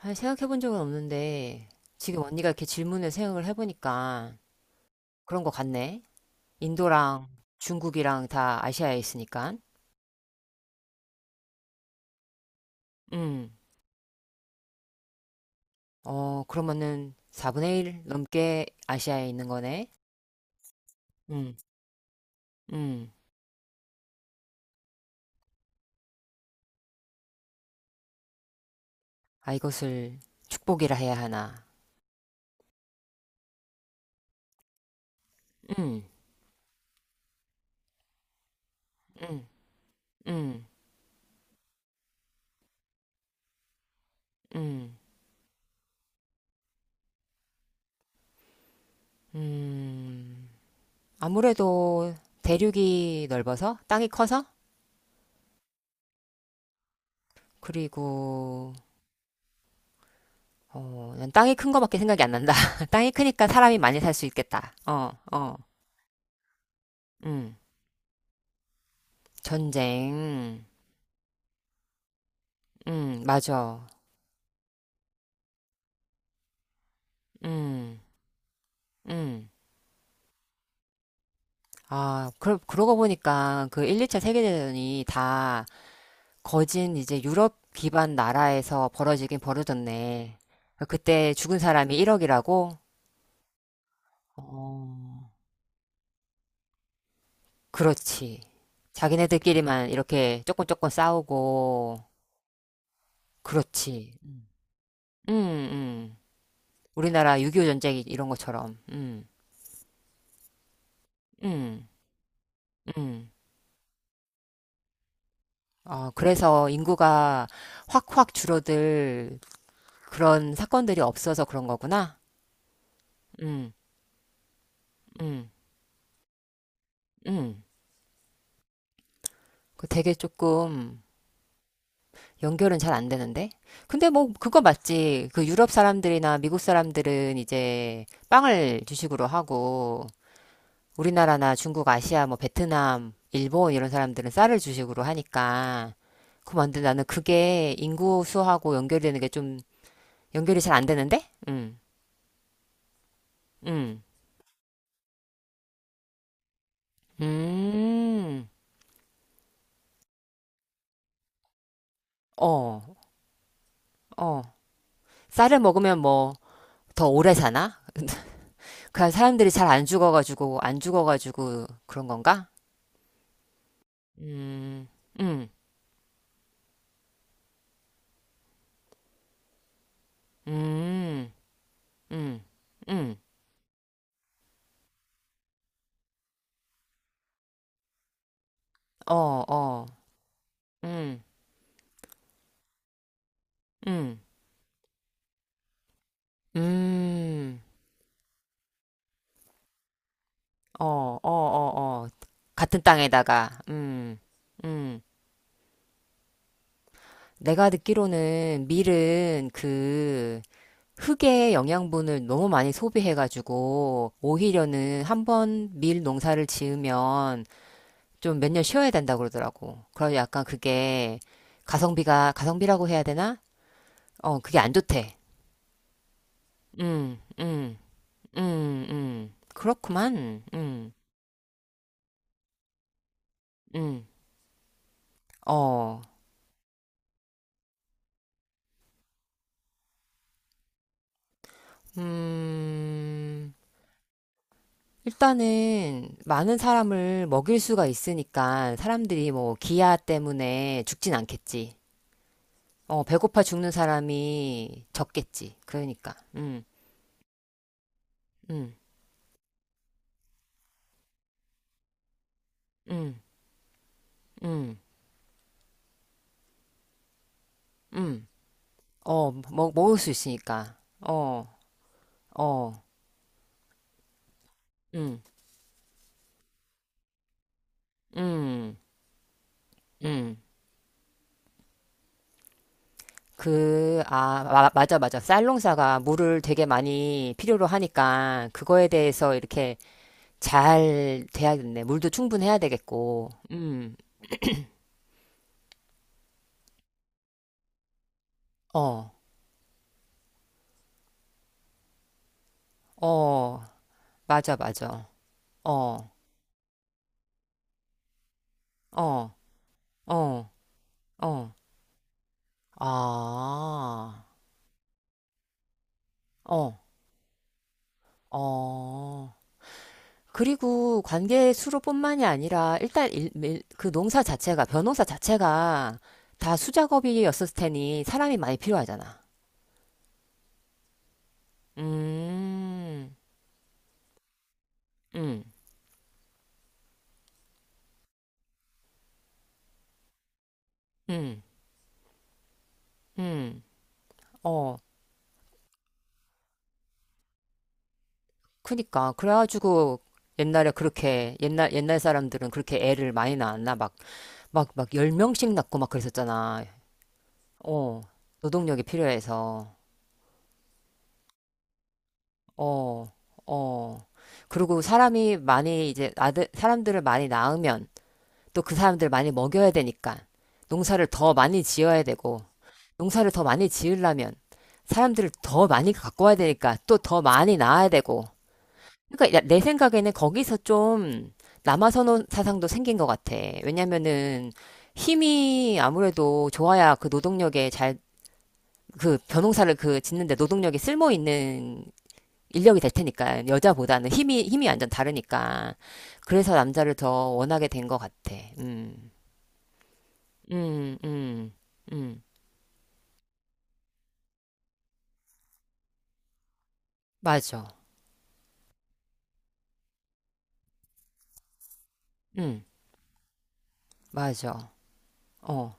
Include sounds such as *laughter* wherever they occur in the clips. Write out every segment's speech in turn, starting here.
아니, 생각해 본 적은 없는데, 지금 언니가 이렇게 질문을 생각을 해보니까 그런 것 같네. 인도랑 중국이랑 다 아시아에 있으니까. 음, 어, 그러면은 4분의 1 넘게 아시아에 있는 거네. 음, 음. 아, 이것을 축복이라 해야 하나. 음, 음, 음, 음, 음. 아무래도 대륙이 넓어서, 땅이 커서, 그리고 어, 난 땅이 큰 거밖에 생각이 안 난다. *laughs* 땅이 크니까 사람이 많이 살 수 있겠다. 어, 어, 음. 전쟁. 맞아. 음, 음. 아, 그러고 보니까 그 1, 2차 세계대전이 다 거진 이제 유럽 기반 나라에서 벌어지긴 벌어졌네. 그때 죽은 사람이 1억이라고? 어, 그렇지. 자기네들끼리만 이렇게 조금 조금 싸우고, 그렇지. 음. 우리나라 6.25 전쟁 이런 것처럼. 음, 음. 어, 그래서 인구가 확확 줄어들 그런 사건들이 없어서 그런 거구나. 음, 음, 음. 그 되게 조금 연결은 잘 안 되는데. 근데 뭐 그거 맞지. 그 유럽 사람들이나 미국 사람들은 이제 빵을 주식으로 하고 우리나라나 중국, 아시아, 뭐 베트남, 일본 이런 사람들은 쌀을 주식으로 하니까 그럼 안 돼. 나는 그게 인구 수하고 연결되는 게 좀 연결이 잘 안 되는데? 음, 음, 어, 어. 쌀을 먹으면 뭐 더 오래 사나? 그냥 사람들이 잘 안 죽어가지고 그런 건가? 음, 음, 음, 음, 음, 어, 어, 음, 음, 음. 어, 어, 어, 어. 같은 땅에다가, 음. 내가 듣기로는 밀은 그 흙의 영양분을 너무 많이 소비해가지고, 오히려는 한번 밀 농사를 지으면 좀 몇 년 쉬어야 된다 그러더라고. 그래서 약간 그게 가성비가, 가성비라고 해야 되나? 어, 그게 안 좋대. 음, 음, 그렇구만. 음. 어, 음. 일단은 많은 사람을 먹일 수가 있으니까 사람들이 뭐 기아 때문에 죽진 않겠지. 어, 배고파 죽는 사람이 적겠지. 그러니까. 음, 음, 음, 음. 어, 먹을 수 있으니까. 어, 어, 음, 음, 음. 그, 아, 맞아, 맞아. 쌀농사가 물을 되게 많이 필요로 하니까 그거에 대해서 이렇게 잘 돼야겠네. 물도 충분해야 되겠고. 음. 어, 어, 맞아, 맞아. 어, 어, 어, 어, 아, 어, 어. 그리고 관계 수로뿐만이 아니라 일단 그 농사 자체가, 변호사 자체가 다 수작업이었을 테니 사람이 많이 필요하잖아. 음, 음, 음, 음, 어. 그니까. 그래가지고 옛날 사람들은 그렇게 애를 많이 낳았나? 막 10명씩 낳고 막 그랬었잖아. 어, 노동력이 필요해서. 어, 어. 그리고 사람이 많이 이제 아들, 사람들을 많이 낳으면 또 그 사람들을 많이 먹여야 되니까 농사를 더 많이 지어야 되고 농사를 더 많이 지으려면 사람들을 더 많이 갖고 와야 되니까 또 더 많이 낳아야 되고. 그러니까 내 생각에는 거기서 좀 남아선호 사상도 생긴 것 같아. 왜냐면은 힘이 아무래도 좋아야 그 노동력에 잘 그 변호사를 그 짓는데 노동력이 쓸모 있는 인력이 될 테니까 여자보다는 힘이 완전 다르니까 그래서 남자를 더 원하게 된 것 같아. 음, 음, 음, 맞아. 음, 맞아. 어.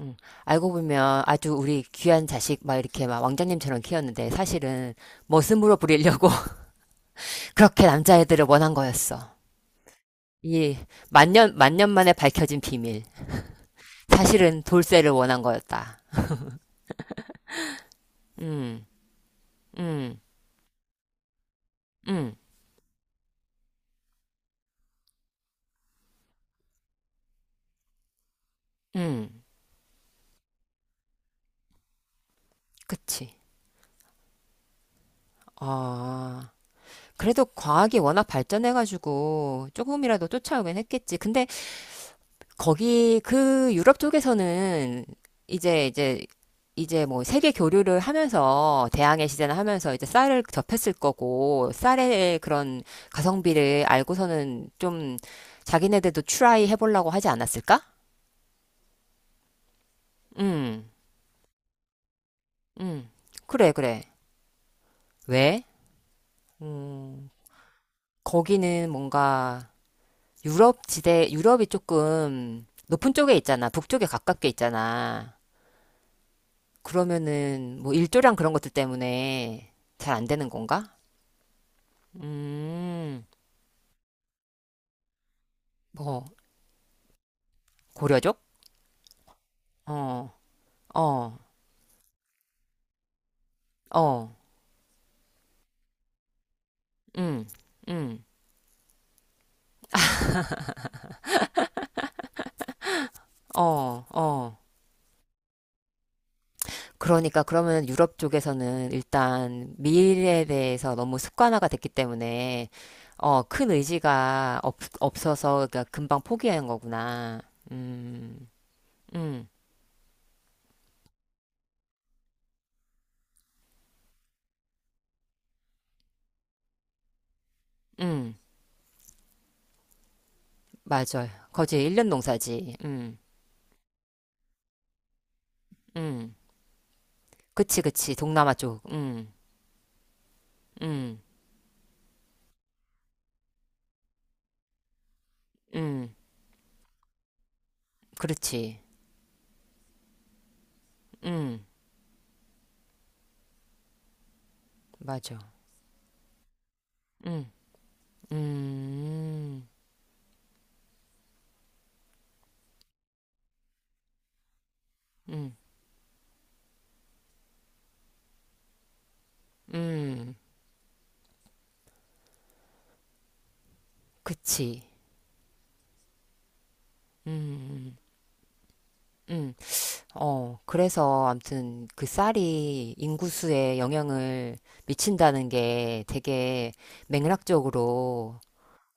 음. 알고 보면 아주 우리 귀한 자식 막 이렇게 막 왕자님처럼 키웠는데 사실은 머슴으로 부리려고 *laughs* 그렇게 남자애들을 원한 거였어. 이 만년 만에 밝혀진 비밀. 사실은 돌쇠를 원한 거였다. 음, 음. 응, 응, 그치. 아, 그래도 과학이 워낙 발전해가지고 조금이라도 쫓아오긴 했겠지. 근데 거기 그 유럽 쪽에서는 이제 이제 이제 뭐 세계 교류를 하면서 대항해 시대나 하면서 이제 쌀을 접했을 거고 쌀의 그런 가성비를 알고서는 좀 자기네들도 트라이 해보려고 하지 않았을까? 응, 응, 그래, 그래. 왜? 음, 거기는 뭔가 유럽이 조금 높은 쪽에 있잖아. 북쪽에 가깝게 있잖아. 그러면은 뭐 일조량 그런 것들 때문에 잘 안 되는 건가? 음, 뭐, 고려족? 어, 어, 어, 음, 음, 어, 어. 그러니까 그러면 유럽 쪽에서는 일단 미일에 대해서 너무 습관화가 됐기 때문에 어, 큰 의지가 없어서 그러니까 금방 포기하는 거구나. 음, 음, 음. 맞아요. 거제 일년 농사지. 음. 그치, 그치. 동남아 쪽. 음, 음. 그렇지. 음, 맞아. 음, 음, 음, 음. 그치. 음, 음. 어, 그래서 암튼 그 쌀이 인구수에 영향을 미친다는 게 되게 맥락적으로,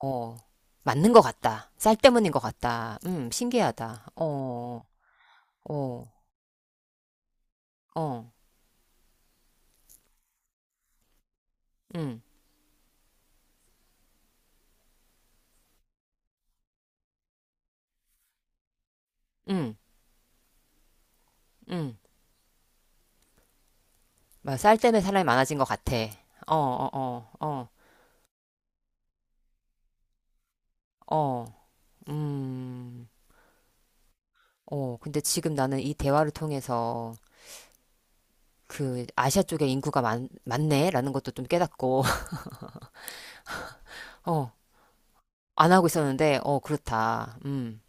어, 맞는 것 같다. 쌀 때문인 것 같다. 신기하다. 어, 어, 어. 응, 응, 응. 막 쌀 때문에 사람이 많아진 것 같아. 어, 어, 어, 어, 어, 음, 어. 근데 지금 나는 이 대화를 통해서 그 아시아 쪽에 인구가 많네? 라는 것도 좀 깨닫고, *laughs* 어, 안 하고 있었는데, 어, 그렇다. 음.